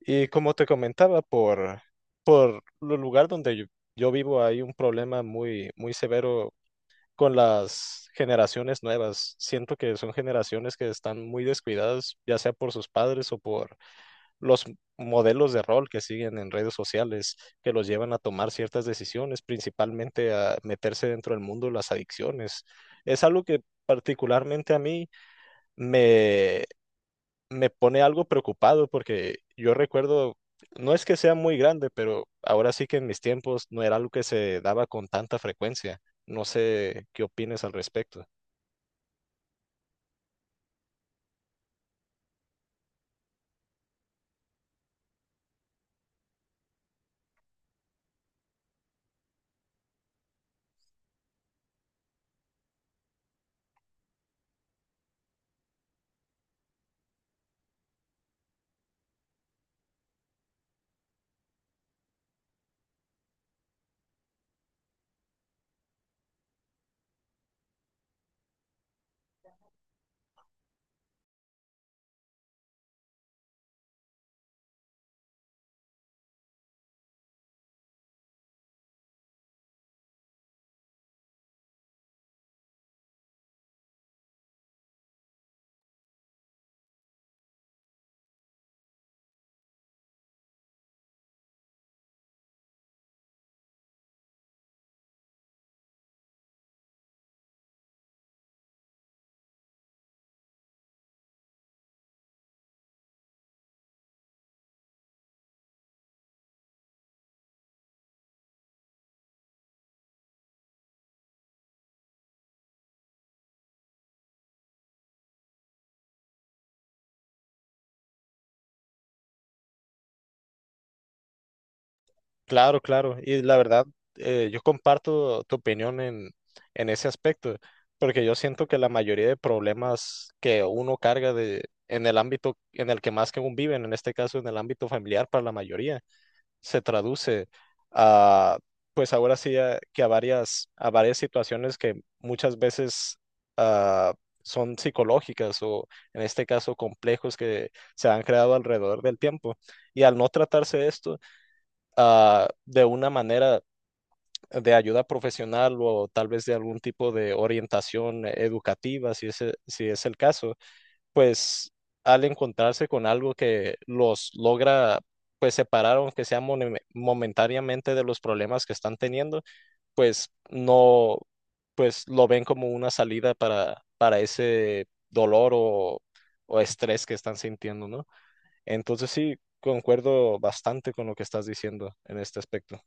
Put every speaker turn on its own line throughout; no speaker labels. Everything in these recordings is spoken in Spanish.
Y como te comentaba, por el lugar donde yo vivo hay un problema muy severo con las generaciones nuevas. Siento que son generaciones que están muy descuidadas, ya sea por sus padres o por los modelos de rol que siguen en redes sociales, que los llevan a tomar ciertas decisiones, principalmente a meterse dentro del mundo de las adicciones. Es algo que particularmente a mí me me pone algo preocupado porque yo recuerdo, no es que sea muy grande, pero ahora sí que en mis tiempos no era algo que se daba con tanta frecuencia. No sé qué opines al respecto. Claro, claro. Y la verdad, yo comparto tu opinión en ese aspecto, porque yo siento que la mayoría de problemas que uno carga de, en el ámbito en el que más que aún viven, en este caso en el ámbito familiar para la mayoría, se traduce a, pues ahora sí, que a varias situaciones que muchas veces ah, son psicológicas o en este caso complejos que se han creado alrededor del tiempo. Y al no tratarse esto de una manera de ayuda profesional o tal vez de algún tipo de orientación educativa, si es el caso pues al encontrarse con algo que los logra pues separar, aunque sea momentáneamente de los problemas que están teniendo, pues no, pues lo ven como una salida para ese dolor o estrés que están sintiendo, ¿no? Entonces sí, concuerdo bastante con lo que estás diciendo en este aspecto.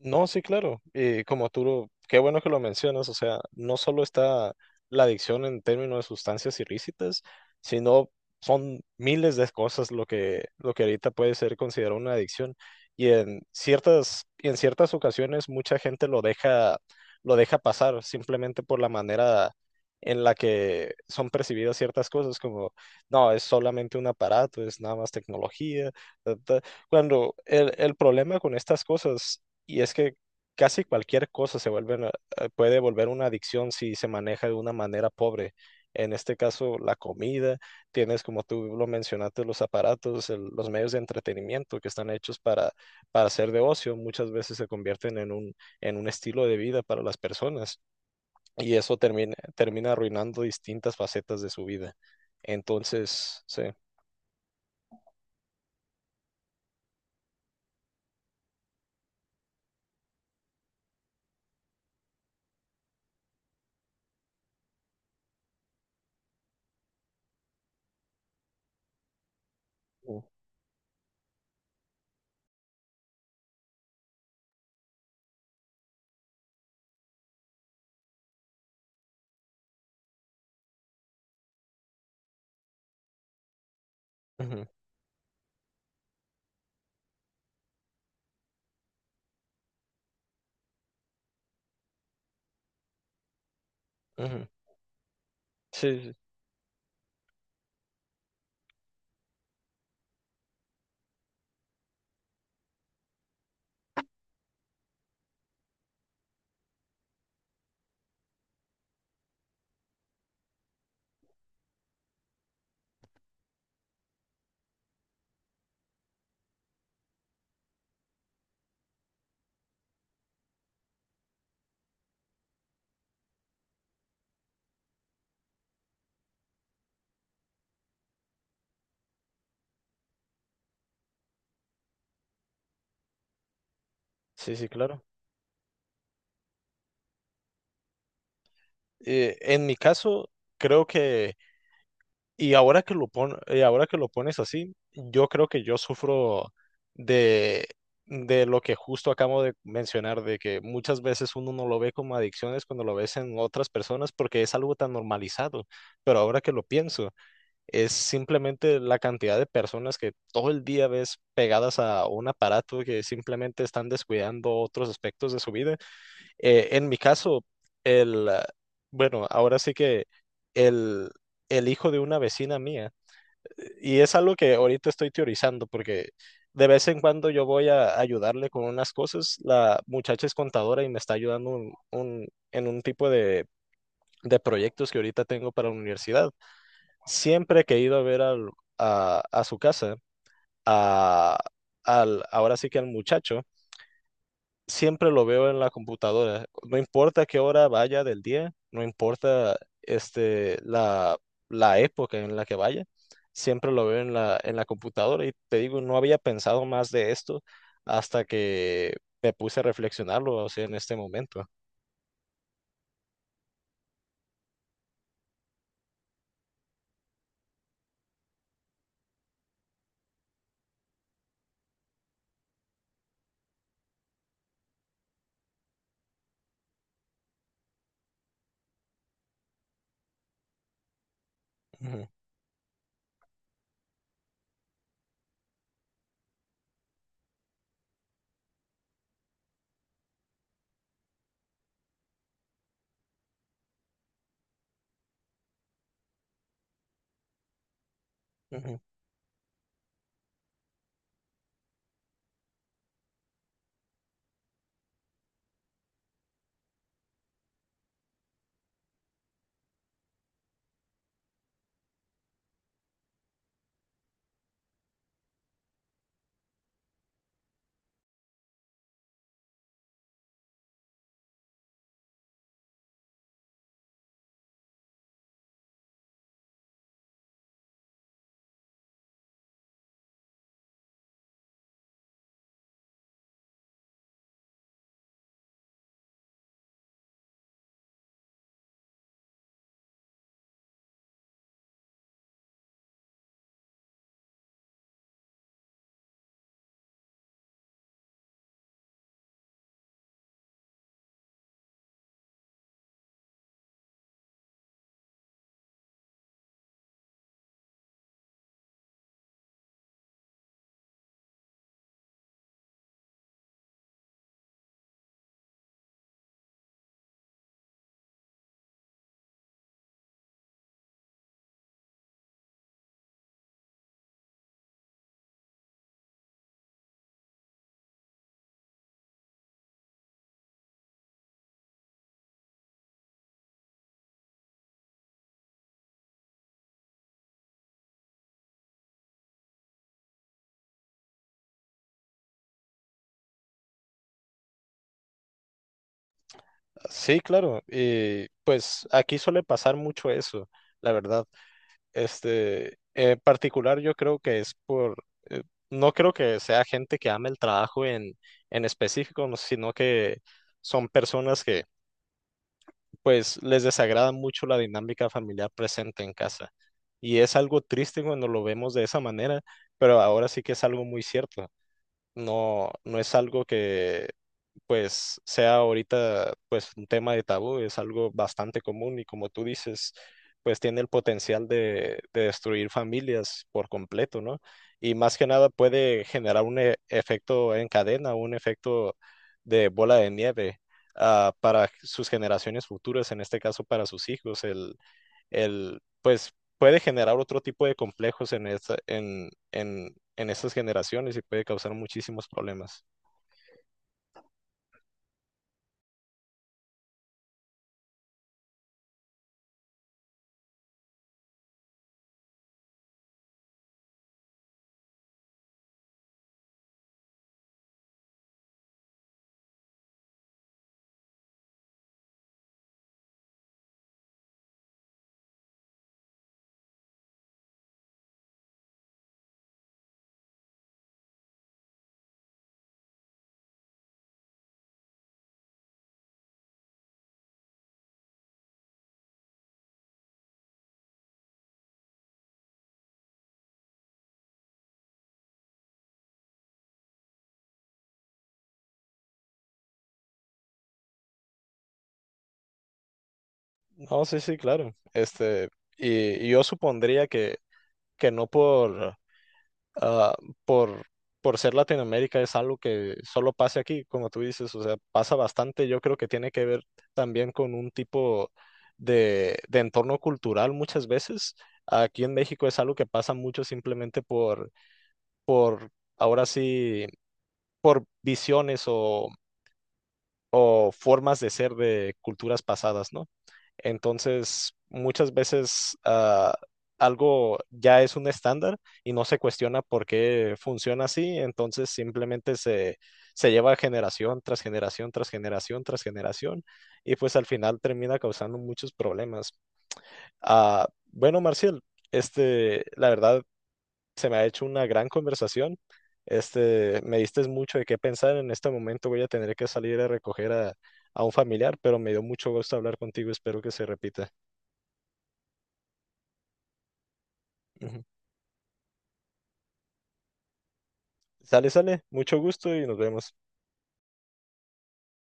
No, sí, claro. Y como tú, qué bueno que lo mencionas, o sea, no solo está la adicción en términos de sustancias ilícitas, sino son miles de cosas lo lo que ahorita puede ser considerado una adicción. Y en ciertas ocasiones mucha gente lo deja pasar simplemente por la manera en la que son percibidas ciertas cosas, como, no, es solamente un aparato, es nada más tecnología, ta, ta". Cuando el problema con estas cosas y es que casi cualquier cosa se vuelve, puede volver una adicción si se maneja de una manera pobre. En este caso, la comida, tienes como tú lo mencionaste, los aparatos, los medios de entretenimiento que están hechos para ser de ocio, muchas veces se convierten en en un estilo de vida para las personas y eso termina, termina arruinando distintas facetas de su vida. Entonces, sí. Ujú, ujú. Sí, sí, sí, sí, claro. En mi caso, creo que y ahora que lo pones así, yo creo que yo sufro de, de lo que justo acabo de mencionar, de que muchas veces uno no lo ve como adicciones cuando lo ves en otras personas porque es algo tan normalizado. Pero ahora que lo pienso, es simplemente la cantidad de personas que todo el día ves pegadas a un aparato que simplemente están descuidando otros aspectos de su vida. En mi caso, el, ah, bueno, ahora sí que el, el hijo de una vecina mía, y es algo que ahorita estoy teorizando porque de vez en cuando yo voy a ayudarle con unas cosas, la muchacha es contadora y me está ayudando en un tipo de proyectos que ahorita tengo para la universidad. Siempre que he ido a ver a su casa, a, al, ahora sí que al muchacho, siempre lo veo en la computadora. No importa qué hora vaya del día, no importa este, la época en la que vaya, siempre lo veo en en la computadora. Y te digo, no había pensado más de esto hasta que me puse a reflexionarlo, o sea, en este momento. Ujú, ujú. Sí, claro. Y pues aquí suele pasar mucho eso, la verdad. Este, en particular yo creo que es eh, no creo que sea gente que ame el trabajo en específico, no, sino que son personas que pues les desagrada mucho la dinámica familiar presente en casa. Y es algo triste cuando lo vemos de esa manera, pero ahora sí que es algo muy cierto. No, no es algo que pues sea ahorita pues un tema de tabú, es algo bastante común y como tú dices, pues tiene el potencial de destruir familias por completo, ¿no? Y más que nada puede generar un efecto en cadena, un efecto de bola de nieve. Para sus generaciones futuras, en este caso para sus hijos, pues puede generar otro tipo de complejos en en estas generaciones y puede causar muchísimos problemas. No, sí, sí, claro. Este, y, y yo supondría que no ah, por, por ser Latinoamérica es algo que solo pase aquí, como tú dices, o sea, pasa bastante. Yo creo que tiene que ver también con un tipo de entorno cultural muchas veces. Aquí en México es algo que pasa mucho simplemente por ahora sí, por visiones o formas de ser de culturas pasadas, ¿no? Entonces, muchas veces algo ya es un estándar y no se cuestiona por qué funciona así, entonces simplemente se lleva generación tras generación tras generación tras generación y pues al final termina causando muchos problemas. Ah, bueno, Marcial, este, la verdad se me ha hecho una gran conversación. Este, me diste mucho de qué pensar. En este momento voy a tener que salir a recoger a un familiar, pero me dio mucho gusto hablar contigo. Espero que se repita. Ujú. Sale, sale. Mucho gusto y nos vemos.